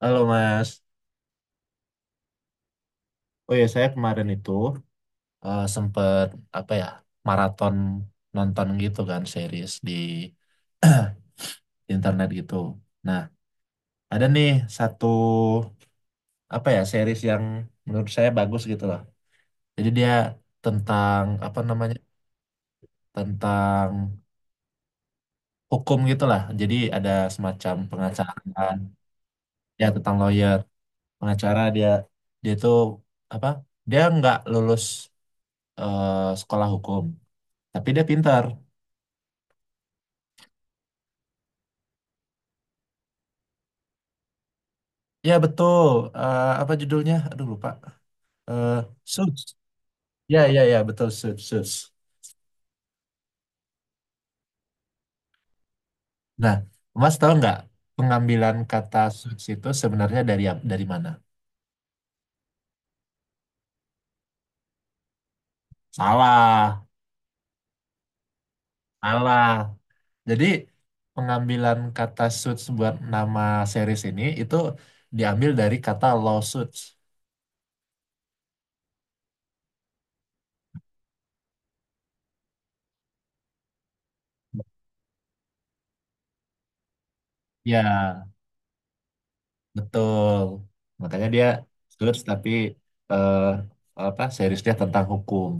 Halo Mas, oh ya saya kemarin itu sempet apa ya maraton nonton gitu kan series di internet gitu. Nah ada nih satu apa ya series yang menurut saya bagus gitu loh. Jadi dia tentang apa namanya tentang hukum gitu lah. Jadi ada semacam pengacara ya tentang lawyer pengacara dia dia tuh apa dia nggak lulus eh, sekolah hukum tapi dia pintar. Ya betul. Eh, apa judulnya? Aduh lupa. Eh Suits. Ya ya ya betul Suits Suits. Nah, Mas tahu nggak pengambilan kata Suits itu sebenarnya dari dari mana? Salah, salah. Jadi pengambilan kata Suits buat nama series ini itu diambil dari kata lawsuits. Ya betul. Makanya dia Suits tapi eh apa seriesnya tentang hukum.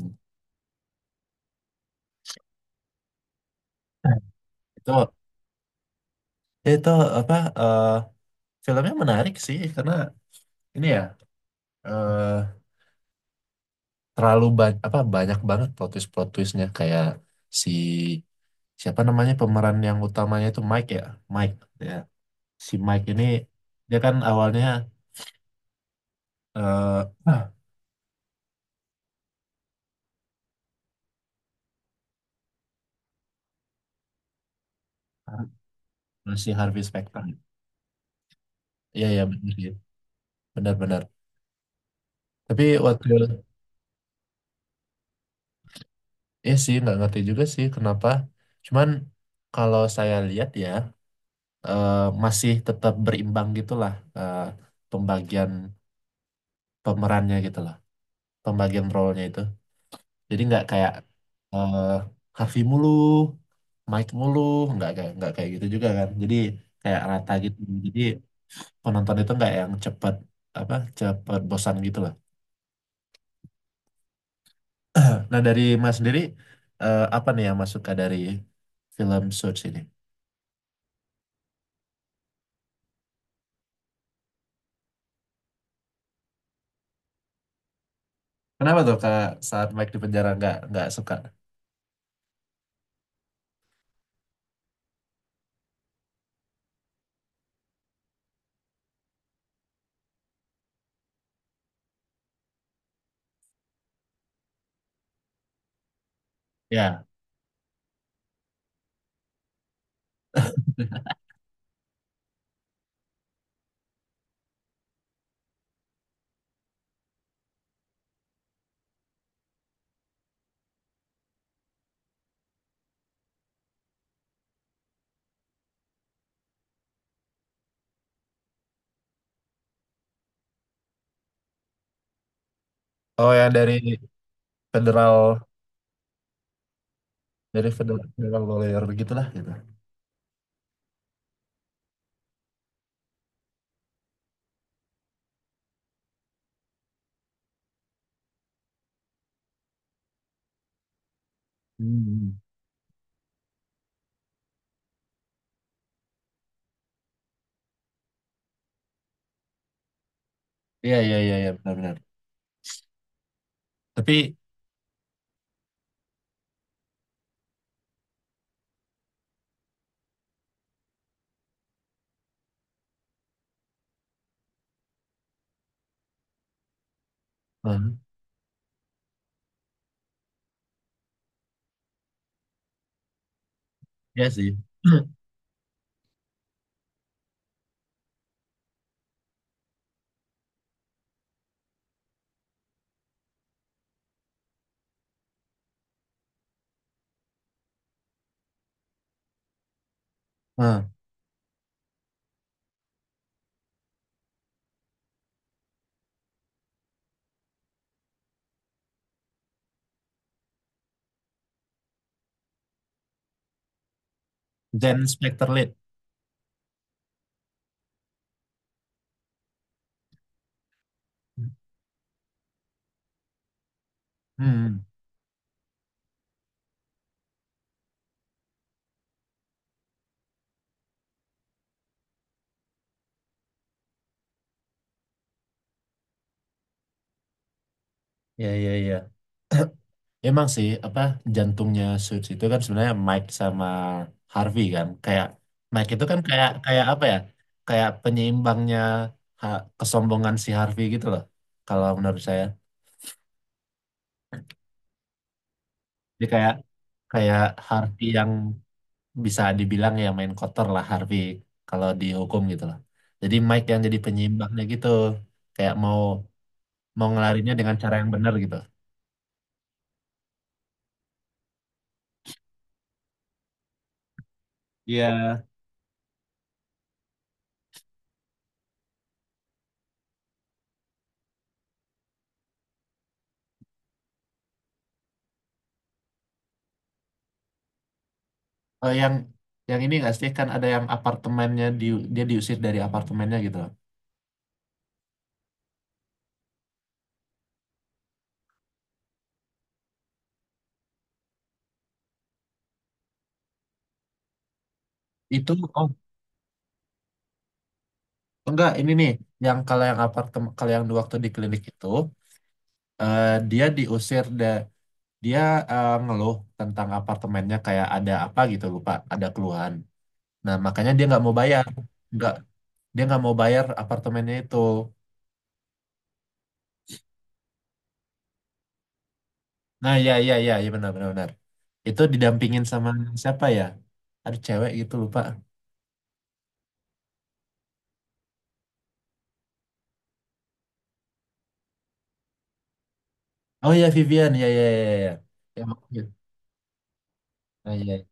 Itu itu apa? eh, Filmnya menarik sih karena ini ya eh terlalu banyak apa banyak banget plot twist plot twistnya kayak si siapa namanya pemeran yang utamanya itu Mike ya si Mike ini dia kan awalnya eh ah, masih Harvey Specter iya iya benar ya benar-benar tapi waktu ya sih nggak ngerti juga sih kenapa cuman kalau saya lihat ya eh masih tetap berimbang gitulah eh pembagian pemerannya gitu loh pembagian role-nya itu. Jadi nggak kayak eh Harvey mulu, Mike mulu, nggak kayak gitu juga kan. Jadi kayak rata gitu. Jadi penonton itu nggak yang cepet apa cepet bosan gitu lah. Nah dari Mas sendiri apa nih yang Mas suka dari film Suits ini? Kenapa tuh kak saat Mike di penjara nggak suka? Ya. Oh yang federal dari federal, federal lawyer gitulah gitu. Hmm. Iya iya iya iya benar-benar. Tapi Hmm. Iya sih. ah Zen Spectre Lead. Hmm, ya ya ya. Emang sih apa jantungnya Suits itu kan sebenarnya Mike sama Harvey kan. Kayak Mike itu kan kayak kayak apa ya? Kayak penyeimbangnya kesombongan si Harvey gitu loh. Kalau menurut saya. Jadi kayak kayak Harvey yang bisa dibilang ya main kotor lah Harvey kalau dihukum gitu loh. Jadi Mike yang jadi penyeimbangnya gitu. Kayak mau mau ngelarinya dengan cara yang benar gitu. Iya, eh, yang yang ini nggak sih kan ada yang apartemennya di, dia diusir dari apartemennya gitu loh. Itu oh enggak ini nih yang kalau yang apartemen kalau yang waktu di klinik itu dia diusir da, dia ngeluh tentang apartemennya kayak ada apa gitu lupa ada keluhan. Nah makanya dia nggak mau bayar nggak dia nggak mau bayar apartemennya itu. Nah ya ya ya ya benar benar benar. Itu didampingin sama siapa ya? Ada cewek gitu lupa. Oh ya Vivian ya ya ya ya. Ya. Oh, iya.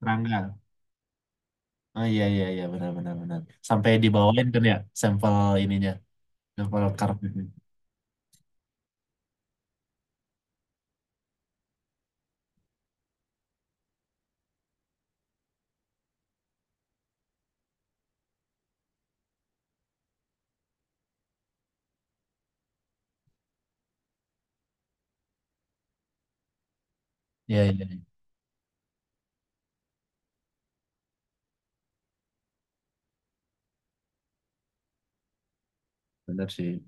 Serangga. Oh iya iya iya benar benar benar. Sampai dibawain kan ya sampel ininya, sampel karpetnya. Iya iya. Iya. Benar sih.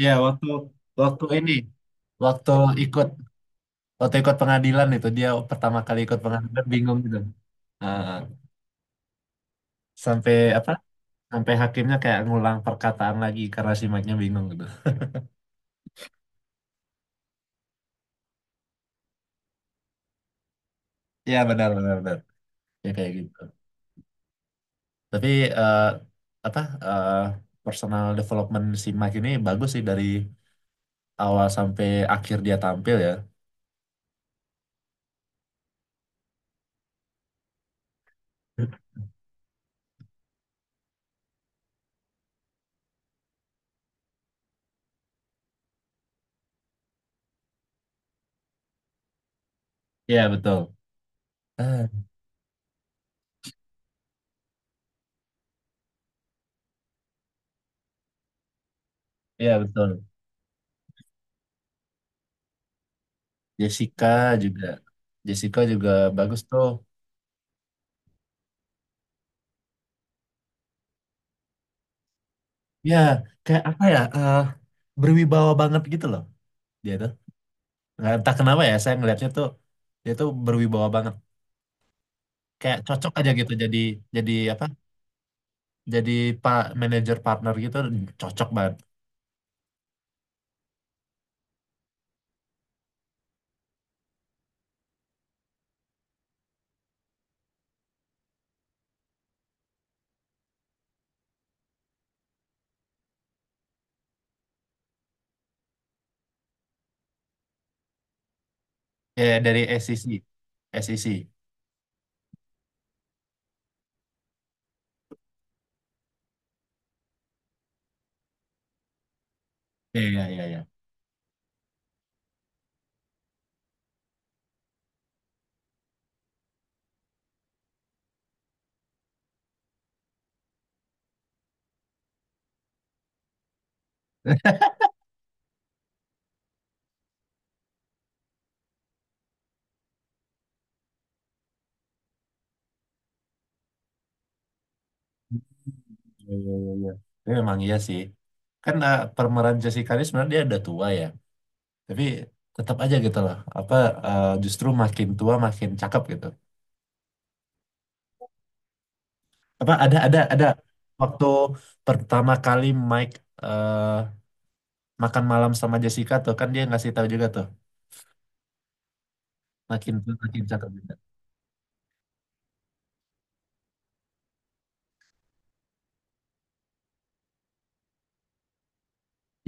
Iya waktu waktu ini waktu ikut waktu ikut pengadilan itu dia pertama kali ikut pengadilan bingung gitu. Ah, ah. Sampai apa? Sampai hakimnya kayak ngulang perkataan lagi karena si Mike-nya bingung gitu. Iya benar benar benar. Ya kayak gitu. Tapi eh, apa eh, personal development si Mike ini bagus sih dari awal sampai akhir dia tampil ya. Iya betul. Ah, Iya betul. Jessica juga. Jessica juga bagus tuh. Ya, kayak apa ya? Berwibawa banget gitu loh dia tuh. Nggak entah kenapa ya, saya ngelihatnya tuh dia tuh berwibawa banget. Kayak cocok aja gitu jadi apa? Jadi pak manajer partner gitu cocok banget. Ya dari SEC. SEC. Iya iya iya iya. Iya iya iya. Iya. Tapi memang iya sih. Kan pemeran Jessica ini sebenarnya dia udah tua ya. Tapi tetap aja gitu loh apa justru makin tua makin cakep gitu apa ada waktu pertama kali Mike eh, makan malam sama Jessica tuh kan dia ngasih tahu juga tuh makin tua makin cakep juga.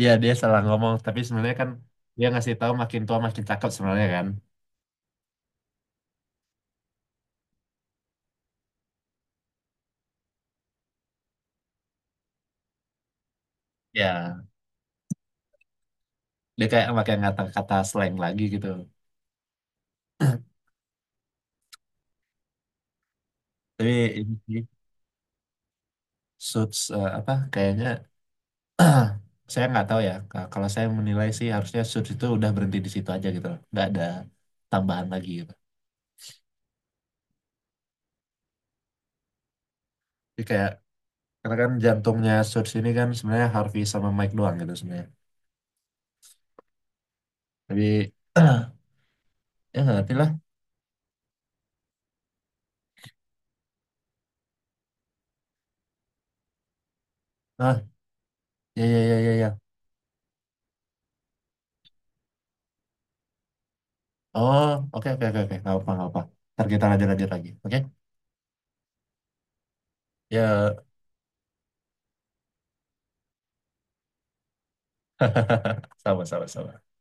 Iya dia salah ngomong tapi sebenarnya kan dia ngasih tahu makin tua makin cakep sebenarnya kan ya dia kayak pakai kata-kata slang lagi gitu tapi ini sih, suits apa kayaknya saya nggak tahu ya Ka- kalau saya menilai sih harusnya Suits itu udah berhenti di situ aja gitu loh nggak ada tambahan lagi gitu jadi kayak karena kan jantungnya Suits ini kan sebenarnya Harvey sama Mike doang gitu sebenarnya tapi ya nggak ngerti lah ah ya ya ya ya ya oh oke oke oke oke nggak apa ntar kita lanjut lanjut lagi oke ya sama sama sama